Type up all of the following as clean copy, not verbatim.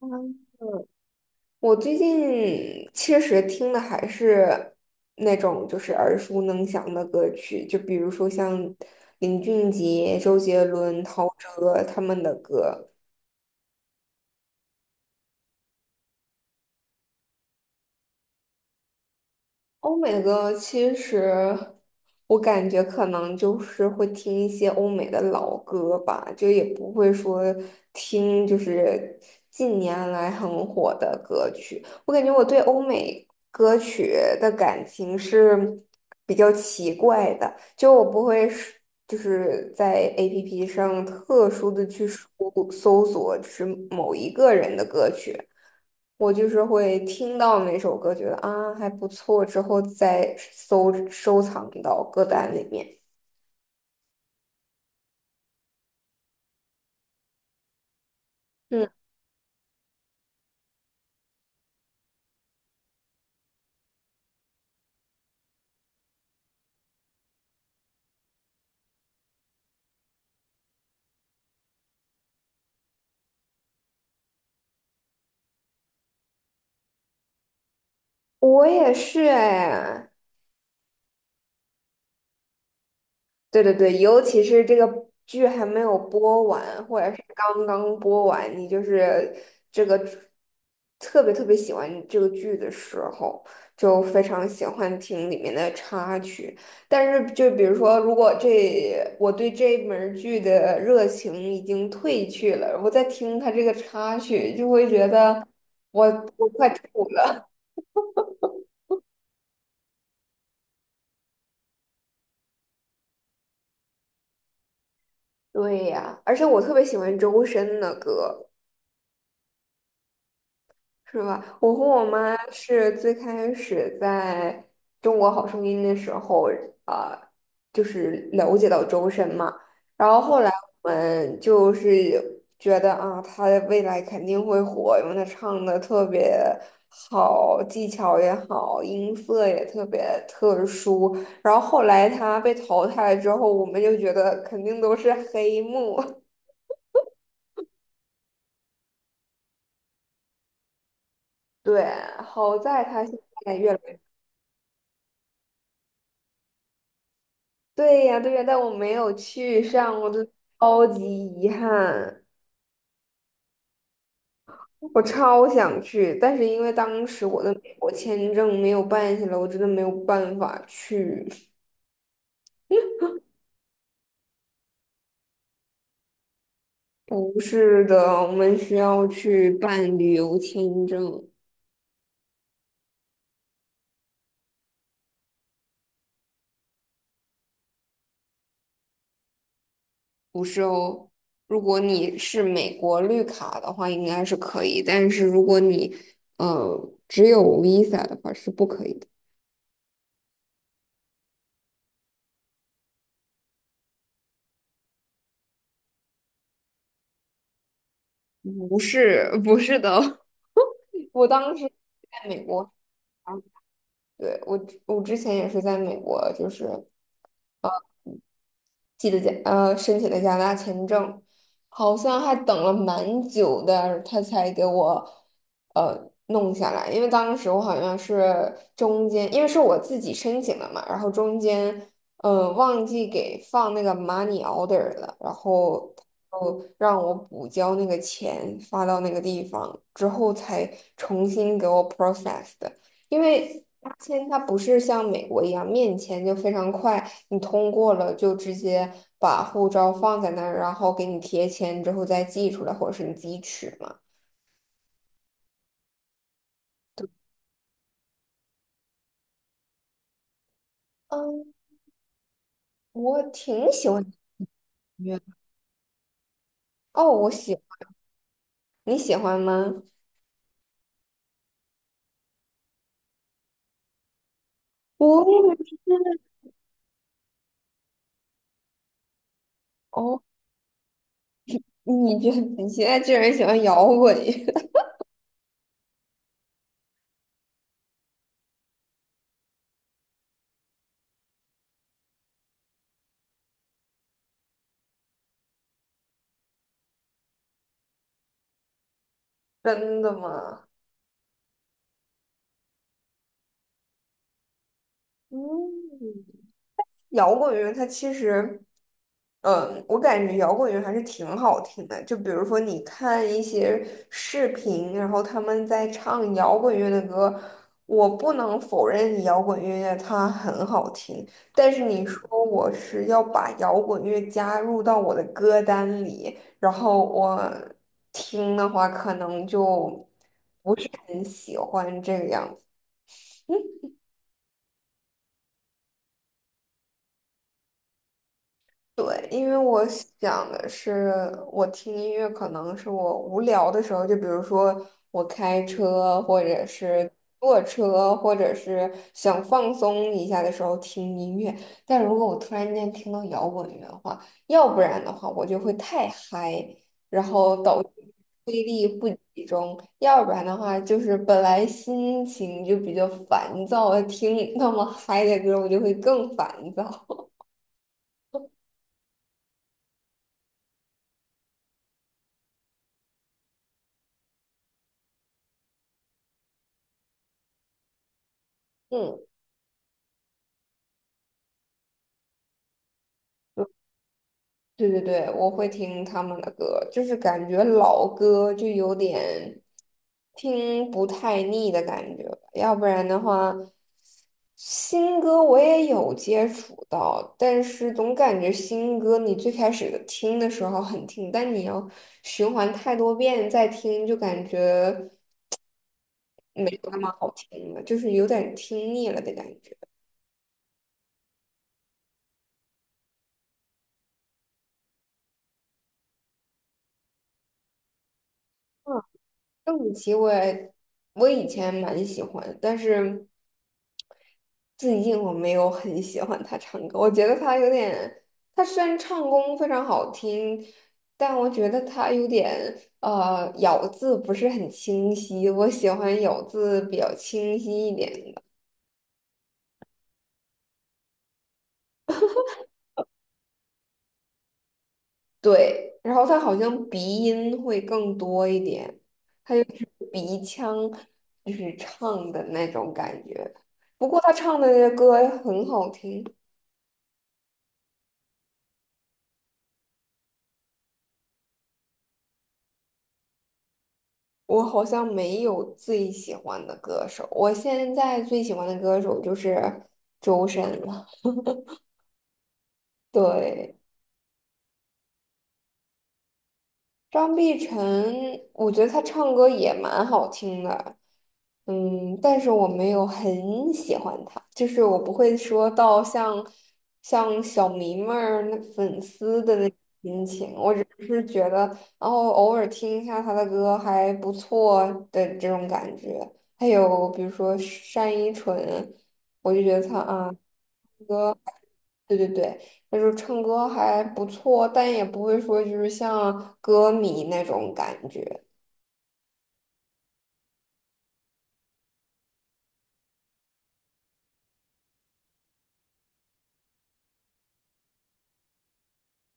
嗯，我最近其实听的还是那种就是耳熟能详的歌曲，就比如说像林俊杰、周杰伦、陶喆他们的歌。欧美的歌其实我感觉可能就是会听一些欧美的老歌吧，就也不会说听就是近年来很火的歌曲。我感觉我对欧美歌曲的感情是比较奇怪的，就我不会是就是在 APP 上特殊的去搜索，就是某一个人的歌曲，我就是会听到哪首歌，觉得啊还不错，之后再搜收藏到歌单里面。嗯，我也是哎，对对对，尤其是这个剧还没有播完，或者是刚刚播完，你就是这个特别特别喜欢这个剧的时候，就非常喜欢听里面的插曲。但是，就比如说，如果这我对这门儿剧的热情已经褪去了，我再听它这个插曲，就会觉得我我快吐了。对呀，而且我特别喜欢周深的歌。是吧？我和我妈是最开始在《中国好声音》的时候，呃，就是了解到周深嘛，然后后来我们就是觉得啊，他未来肯定会火，因为他唱的特别好，技巧也好，音色也特别特殊。然后后来他被淘汰之后，我们就觉得肯定都是黑幕。对，好在他现在越对呀，对呀，但我没有去上，我真的超级遗憾。我超想去，但是因为当时我的美国签证没有办下来，我真的没有办法去。不是的，我们需要去办旅游签证，不是哦。如果你是美国绿卡的话，应该是可以，但是如果你只有 Visa 的话是不可以的。不是，不是的哦 我当时。在美国。对，我之前也是在美国，就是记得申请的加拿大签证，好像还等了蛮久的，他才给我弄下来。因为当时我好像是中间，因为是我自己申请的嘛，然后中间忘记给放那个 money order 了，然后他就让我补交那个钱发到那个地方之后才重新给我 process 的，因为。八签它不是像美国一样面签就非常快，你通过了就直接把护照放在那儿，然后给你贴签之后再寄出来，或者是你自己取嘛。嗯，我挺喜欢音乐的。哦，我喜，你喜欢吗？我也是。哦，你觉得你现在居然喜欢摇滚乐？真的吗？嗯。摇滚乐它其实，嗯，我感觉摇滚乐还是挺好听的。就比如说你看一些视频，然后他们在唱摇滚乐的歌，我不能否认摇滚乐它很好听，但是你说我是要把摇滚乐加入到我的歌单里，然后我听的话，可能就很喜欢这个样子。对，因为我想的是，我听音乐可能是我无聊的时候，就比如说我开车，或者是坐车，或者是想放松一下的时候听音乐。但如果我突然间听到摇滚乐的话，要不然的话我就会太嗨，然后导致注意力不集中；要不然的话，就是本来心情就比较烦躁，听那么嗨的歌，我就会更烦躁。嗯。对对对，我会听他们的歌，就是感觉老歌就有点听不太腻的感觉，要不然的话，新歌我也有接触到，但是总感觉新歌你最开始听的时候很听，但你要循环太多遍再听，就感觉没有那么好听了，就是有点听腻了的感觉。嗯，邓紫棋我也我以前蛮喜欢，但是最近我没有很喜欢他唱歌，我觉得他有点，他虽然唱功非常好听，但我觉得他有点咬字不是很清晰，我喜欢咬字比较清晰一点的。对，然后他好像鼻音会更多一点，鼻腔就是唱的那种感觉。不过他唱的那些歌很好听。我好像没有最喜欢的歌手，我现在最喜欢的歌手就是周深了。对，张碧晨，我觉得她唱歌也蛮好听的，嗯，但是我没有很喜欢她，就是我不会说到像像小迷妹儿那粉丝的那种心情，我只是觉得，然后偶尔听一下她的歌还不错的这种感觉。还有比如说单依纯，我就觉得她啊，对对对。就是唱歌还不错，但也不会说就是像歌迷那种感觉。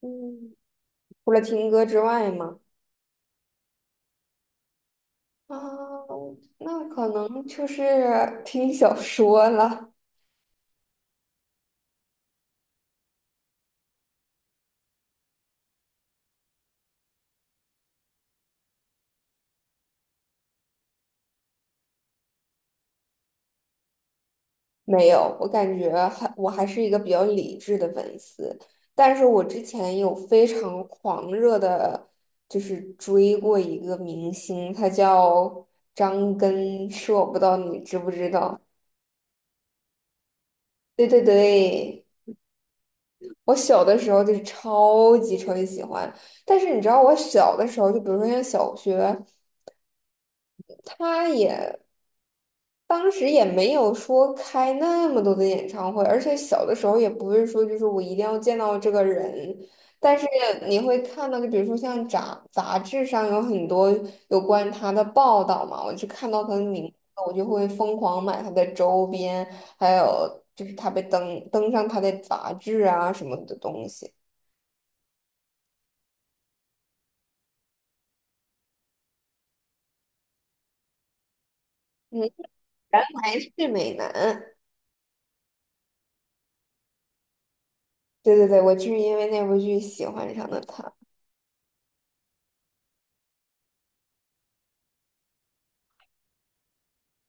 嗯，除了听歌之外嘛，啊，那可能就是听小说了。没有，我感觉还我还是一个比较理智的粉丝，但是我之前有非常狂热的，就是追过一个明星，他叫张根硕，不知道你知不知道？对对对，我小的时候就是超级超级喜欢。但是你知道，我小的时候，就比如说像小学，他也当时也没有说开那么多的演唱会，而且小的时候也不是说就是我一定要见到这个人，但是你会看到，就比如说像杂志上有很多有关他的报道嘛，我就看到他的名字，我就会疯狂买他的周边，还有就是他被登上他的杂志啊什么的东西。嗯，原来是美男，对对对，我就是因为那部剧喜欢上了他。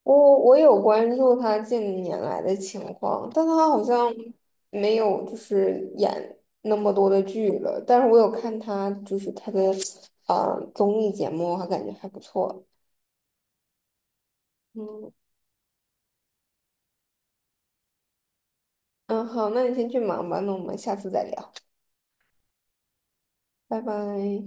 我有关注他近年来的情况，但他好像没有就是演那么多的剧了。但是我有看他就是他的综艺节目，我还感觉还不错。嗯嗯，好，那你先去忙吧，那我们下次再聊，拜拜。